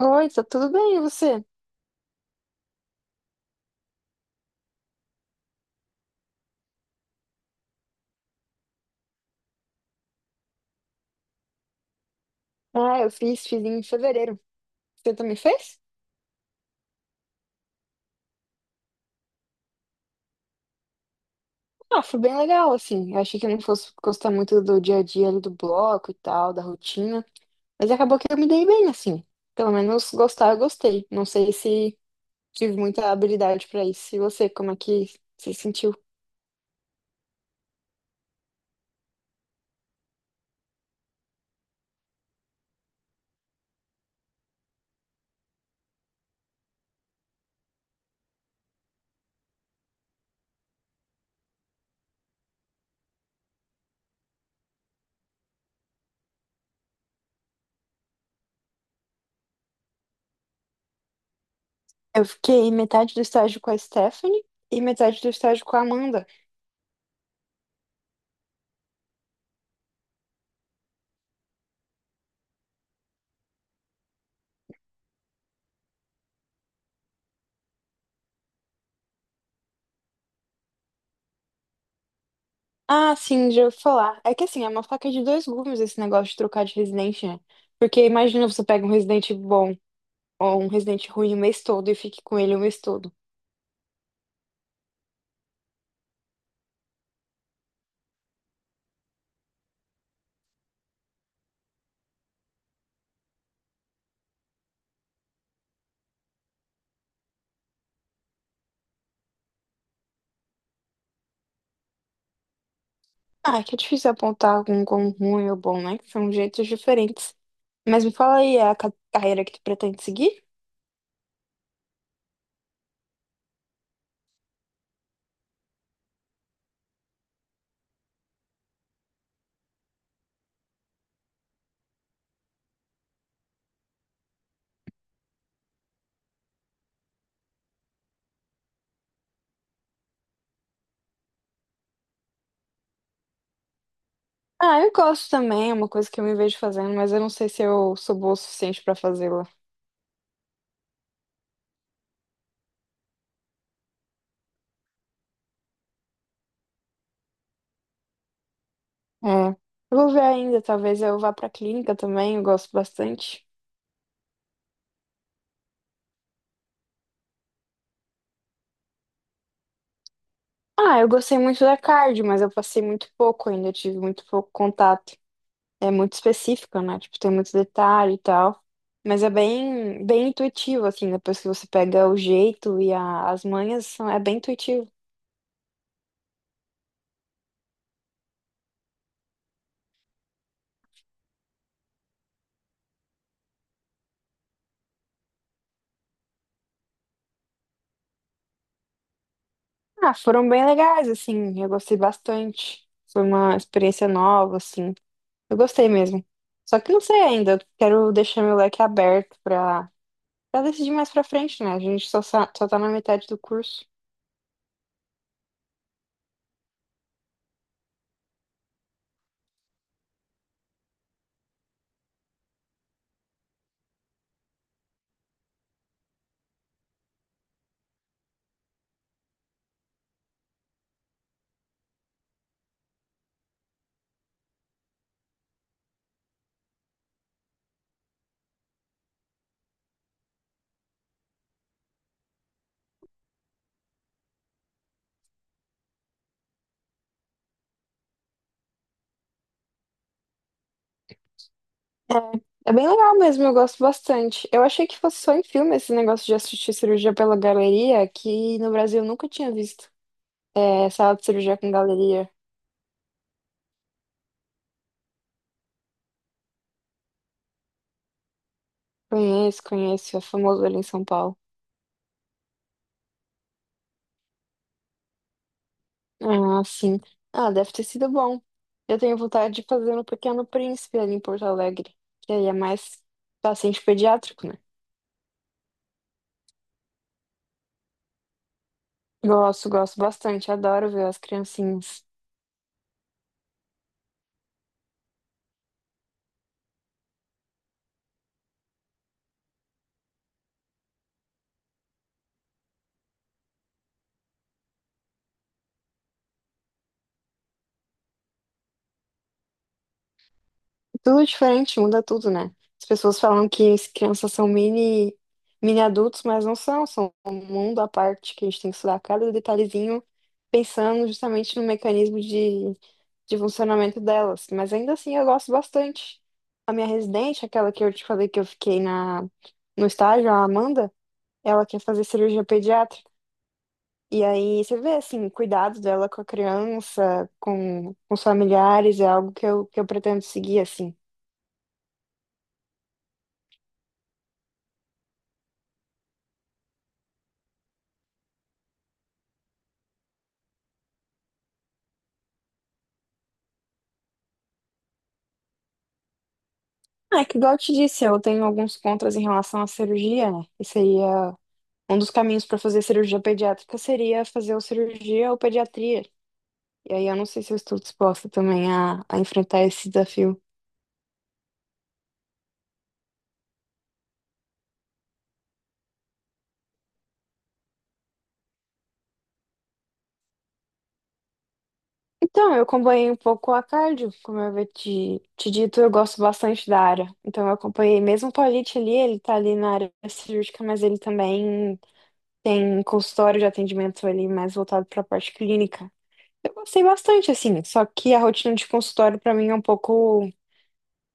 Oi, tá tudo bem, e você? Ah, eu fiz, fiz em fevereiro. Você também fez? Ah, foi bem legal, assim. Eu achei que eu não fosse gostar muito do dia a dia ali do bloco e tal, da rotina. Mas acabou que eu me dei bem, assim. Pelo menos gostar, eu gostei. Não sei se tive muita habilidade pra isso. E você, como é que se sentiu? Eu fiquei metade do estágio com a Stephanie e metade do estágio com a Amanda. Ah, sim, já ouvi falar. É que assim, é uma faca de dois gumes esse negócio de trocar de residente, né? Porque imagina você pega um residente bom. Ou um residente ruim o mês todo e fique com ele o mês todo. Ah, é que é difícil apontar algum como ruim ou bom, né? Que são jeitos diferentes. Mas me fala aí, é a carreira que tu pretende seguir? Ah, eu gosto também, é uma coisa que eu me vejo fazendo, mas eu não sei se eu sou boa o suficiente pra fazê-la. É. Eu vou ver ainda, talvez eu vá pra clínica também, eu gosto bastante. Ah, eu gostei muito da cardio, mas eu passei muito pouco ainda, eu tive muito pouco contato. É muito específica, né? Tipo, tem muito detalhe e tal. Mas é bem, bem intuitivo, assim, depois que você pega o jeito e as manhas, é bem intuitivo. Ah, foram bem legais, assim, eu gostei bastante. Foi uma experiência nova, assim. Eu gostei mesmo. Só que não sei ainda, eu quero deixar meu leque aberto pra, pra decidir mais pra frente, né? A gente só, só tá na metade do curso. É, é bem legal mesmo, eu gosto bastante. Eu achei que fosse só em filme esse negócio de assistir cirurgia pela galeria, que no Brasil eu nunca tinha visto. É, sala de cirurgia com galeria. Conheço, conheço, é famoso ali em São Paulo. Ah, sim. Ah, deve ter sido bom. Eu tenho vontade de fazer no Pequeno Príncipe ali em Porto Alegre, que aí é mais paciente pediátrico, né? Gosto, gosto bastante, adoro ver as criancinhas. Tudo diferente, muda tudo, né? As pessoas falam que as crianças são mini, mini adultos, mas não são, são um mundo à parte que a gente tem que estudar cada detalhezinho, pensando justamente no mecanismo de funcionamento delas. Mas ainda assim eu gosto bastante. A minha residente, aquela que eu te falei que eu fiquei no estágio, a Amanda, ela quer fazer cirurgia pediátrica. E aí você vê assim, o cuidado dela com a criança, com os familiares, é algo que eu pretendo seguir, assim. É que, igual eu te disse, eu tenho alguns contras em relação à cirurgia, né? E seria um dos caminhos para fazer cirurgia pediátrica seria fazer ou cirurgia ou pediatria. E aí eu não sei se eu estou disposta também a enfrentar esse desafio. Então, eu acompanhei um pouco a cardio, como eu havia te dito, eu gosto bastante da área. Então, eu acompanhei mesmo o Paulite ali, ele tá ali na área cirúrgica, mas ele também tem consultório de atendimento ali mais voltado para a parte clínica. Eu gostei bastante, assim, só que a rotina de consultório pra mim é um pouco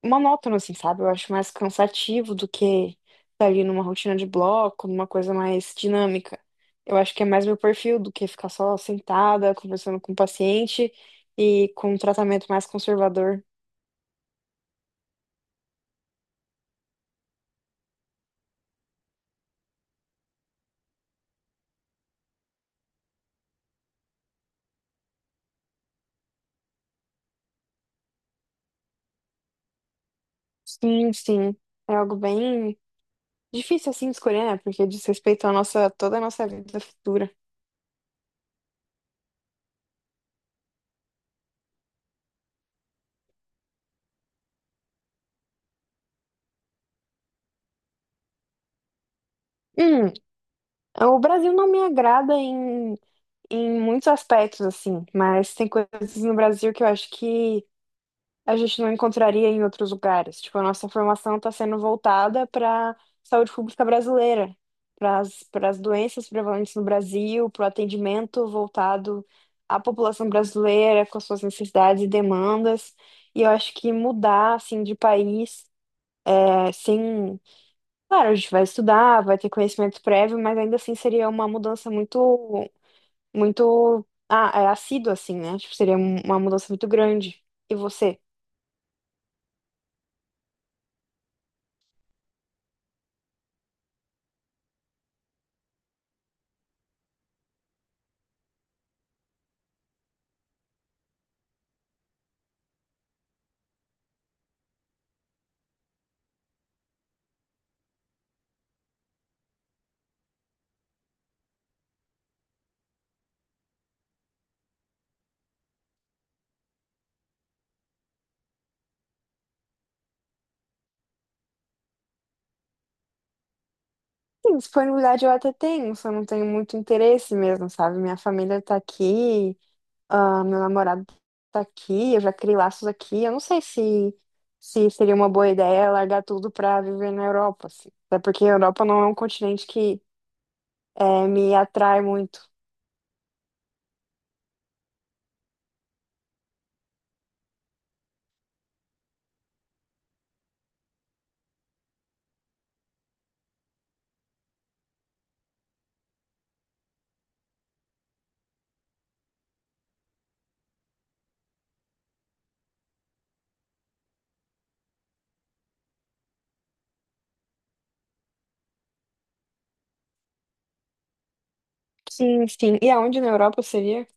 monótona, assim, sabe? Eu acho mais cansativo do que estar ali numa rotina de bloco, numa coisa mais dinâmica. Eu acho que é mais meu perfil do que ficar só sentada, conversando com o paciente e com um tratamento mais conservador. Sim, sim. É algo bem difícil, assim, de escolher, né? Porque diz respeito à nossa, toda a nossa vida futura. Hum, o Brasil não me agrada em muitos aspectos, assim, mas tem coisas no Brasil que eu acho que a gente não encontraria em outros lugares. Tipo, a nossa formação está sendo voltada para saúde pública brasileira, para as doenças prevalentes no Brasil, para o atendimento voltado à população brasileira, com as suas necessidades e demandas. E eu acho que mudar, assim, de país, é, sem... Claro, a gente vai estudar, vai ter conhecimento prévio, mas ainda assim seria uma mudança muito muito é assíduo, assim, né? Tipo, seria uma mudança muito grande. E você? Sim, disponibilidade eu até tenho, só não tenho muito interesse mesmo, sabe? Minha família tá aqui, ah, meu namorado tá aqui, eu já criei laços aqui. Eu não sei se seria uma boa ideia largar tudo pra viver na Europa, assim. Até porque a Europa não é um continente que me atrai muito. Sim, sim. E aonde na Europa seria?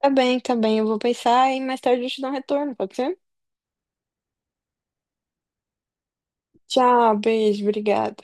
Tá bem, tá bem. Eu vou pensar e mais tarde eu te dou um retorno, pode ser? Tchau, beijo, obrigada.